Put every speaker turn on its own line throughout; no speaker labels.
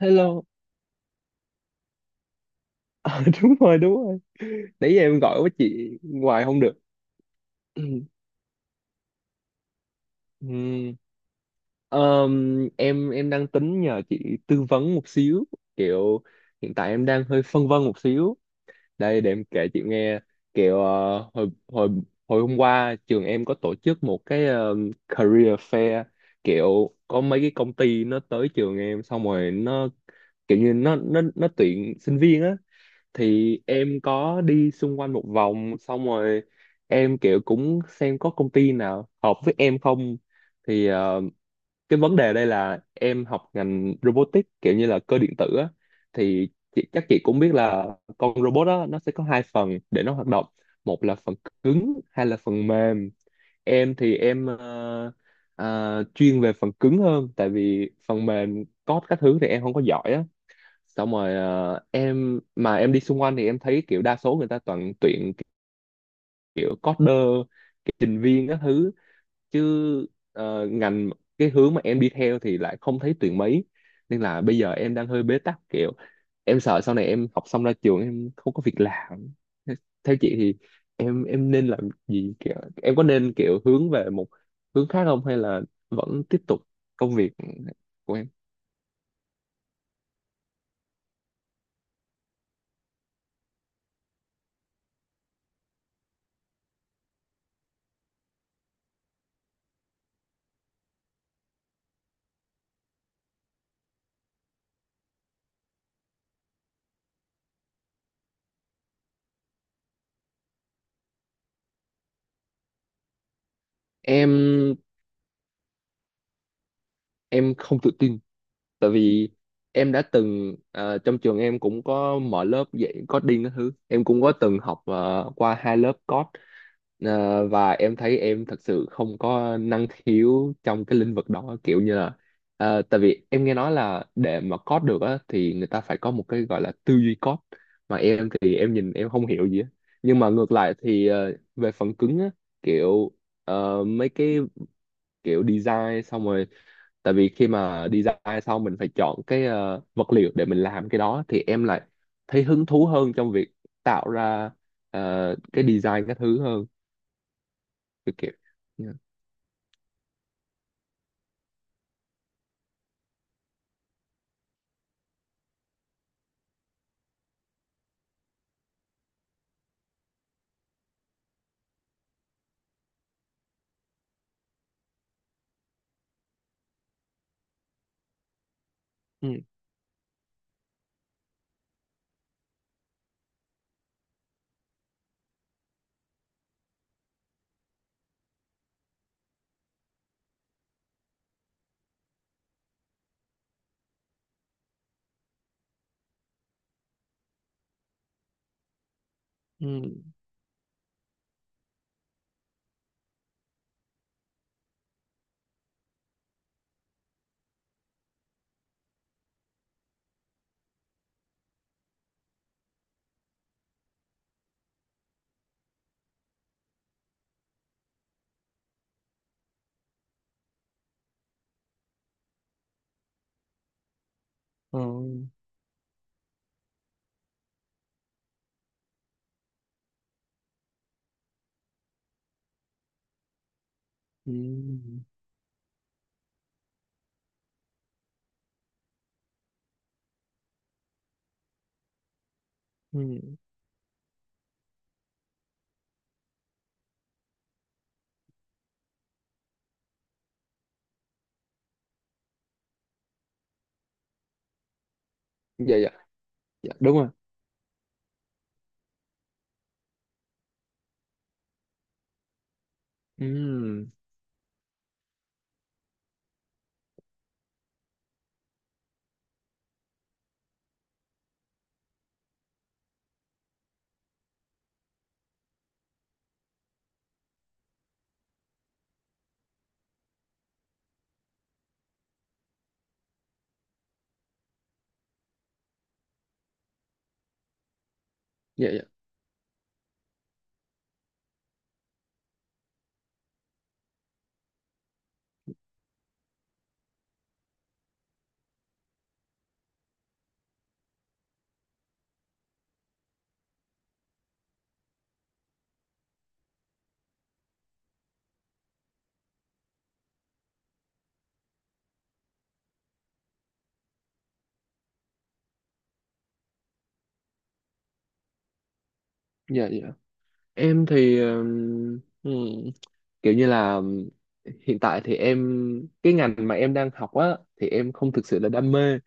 Hello. Ờ, đúng rồi, đúng rồi, nãy giờ em gọi với chị hoài không được. Ừm, em đang tính nhờ chị tư vấn một xíu, kiểu hiện tại em đang hơi phân vân một xíu. Đây để em kể chị nghe. Kiểu hồi hồi hồi hôm qua trường em có tổ chức một cái career fair, kiểu có mấy cái công ty nó tới trường em, xong rồi nó kiểu như nó tuyển sinh viên á. Thì em có đi xung quanh một vòng, xong rồi em kiểu cũng xem có công ty nào hợp với em không. Thì cái vấn đề đây là em học ngành robotics, kiểu như là cơ điện tử á. Thì chị, chắc chị cũng biết là con robot đó nó sẽ có hai phần để nó hoạt động, một là phần cứng hay là phần mềm. Em thì chuyên về phần cứng hơn, tại vì phần mềm code các thứ thì em không có giỏi á. Xong rồi em mà em đi xung quanh thì em thấy kiểu đa số người ta toàn tuyển kiểu coder, kiểu trình viên các thứ, chứ ờ, ngành cái hướng mà em đi theo thì lại không thấy tuyển mấy. Nên là bây giờ em đang hơi bế tắc, kiểu em sợ sau này em học xong ra trường em không có việc làm. Thế- Theo chị thì em nên làm gì, kiểu em có nên kiểu hướng về một hướng khác không, hay là vẫn tiếp tục công việc của em? Em em không tự tin, tại vì em đã từng, trong trường em cũng có mở lớp dạy coding các thứ, em cũng có từng học qua hai lớp code. Ờ, và em thấy em thật sự không có năng khiếu trong cái lĩnh vực đó, kiểu như là tại vì em nghe nói là để mà code được á thì người ta phải có một cái gọi là tư duy code, mà em thì em nhìn em không hiểu gì á. Nhưng mà ngược lại thì về phần cứng á, kiểu mấy cái kiểu design xong rồi, tại vì khi mà design xong mình phải chọn cái vật liệu để mình làm cái đó, thì em lại thấy hứng thú hơn trong việc tạo ra cái design các thứ hơn, kiểu kiểu. Dạ. Ừ. Ừ. Ờ. Ừ. Ừ. Dạ. Dạ. Dạ, đúng rồi. Ừ. Dạ. Dạ. Dạ. Dạ. Em thì ừ, kiểu như là hiện tại thì em, cái ngành mà em đang học á, thì em không thực sự là đam mê.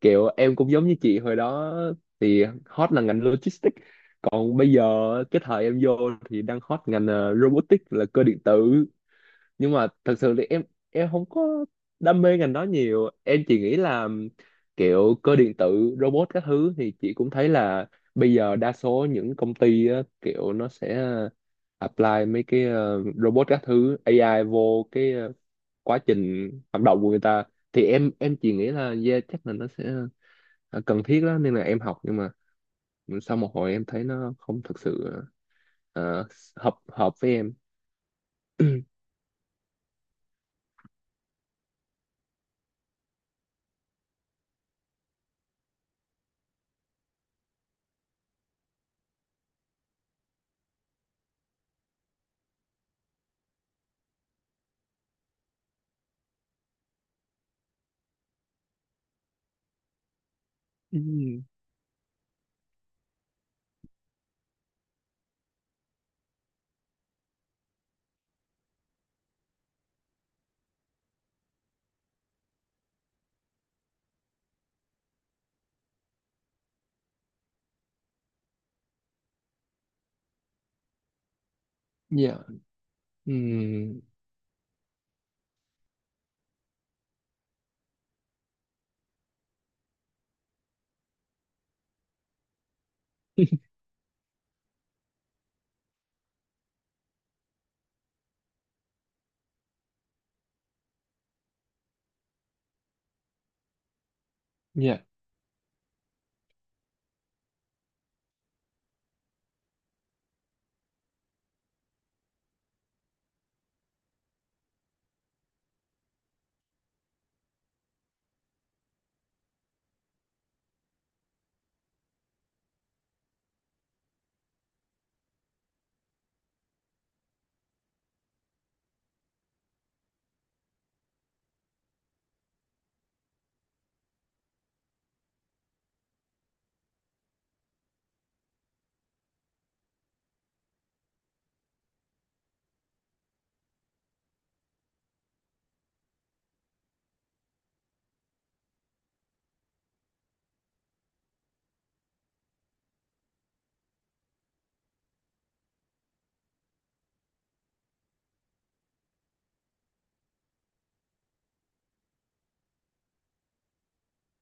Kiểu em cũng giống như chị hồi đó thì hot là ngành logistics, còn bây giờ cái thời em vô thì đang hot ngành robotics là cơ điện tử. Nhưng mà thật sự thì em không có đam mê ngành đó nhiều, em chỉ nghĩ là kiểu cơ điện tử robot các thứ thì chị cũng thấy là bây giờ đa số những công ty á, kiểu nó sẽ apply mấy cái robot các thứ AI vô cái quá trình hoạt động của người ta. Thì em chỉ nghĩ là yeah, chắc là nó sẽ cần thiết đó, nên là em học. Nhưng mà sau một hồi em thấy nó không thực sự ờ, hợp hợp với em. Ừm, dạ. Ừm, dạ.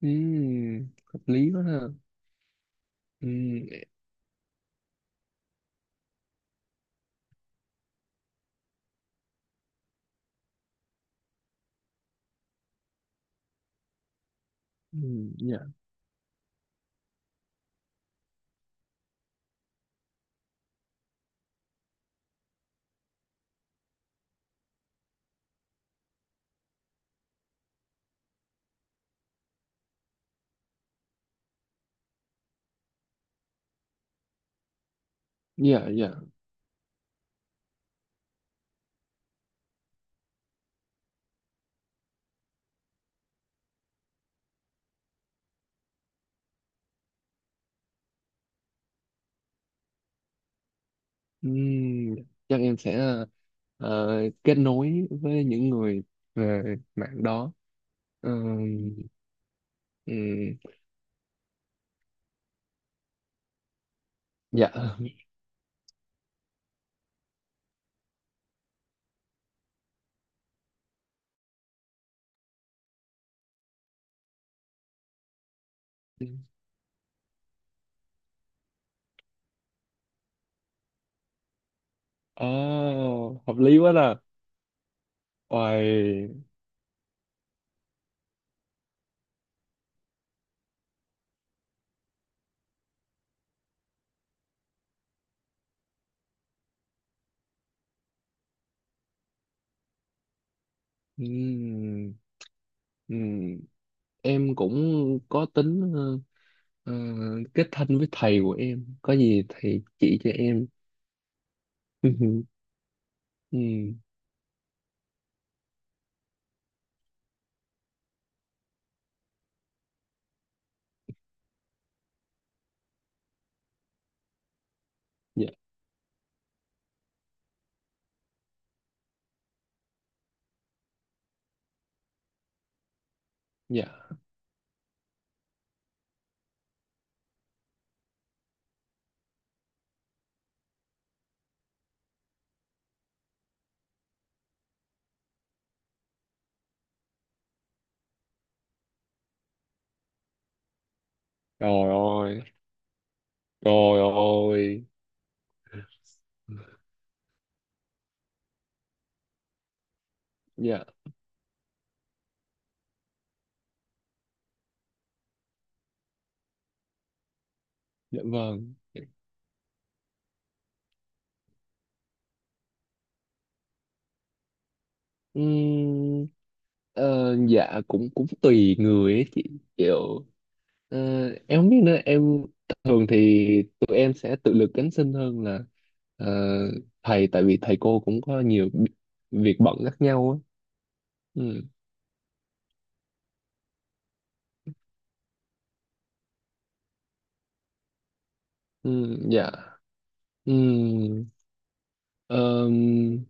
Hợp lý quá ha. Ừm, dạ dạ dạ. Ừm, chắc em sẽ ờ, kết nối với những người về mạng đó. Ừm, ừm, dạ. Oh, hợp lý quá là. Ôi, ừm, ừm. Em cũng có tính ờ, kết thân với thầy của em, có gì thầy chỉ cho em. Ừ, dạ dạ. Trời ơi. Trời ơi. Dạ. Dạ vâng. Ừm, dạ cũng cũng tùy người ấy chị, kiểu ờ, em không biết nữa, em thường thì tụi em sẽ tự lực cánh sinh hơn là ờ, thầy, tại vì thầy cô cũng có nhiều việc bận khác nhau á. Ừ. Ừ, dạ. Ừ, ờm,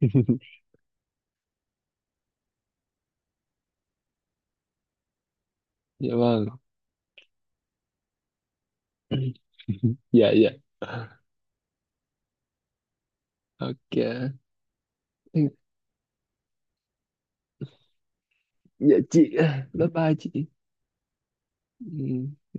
dạ vâng. Dạ, dạ. Ok. Dạ chị, bye bye chị. Ừ.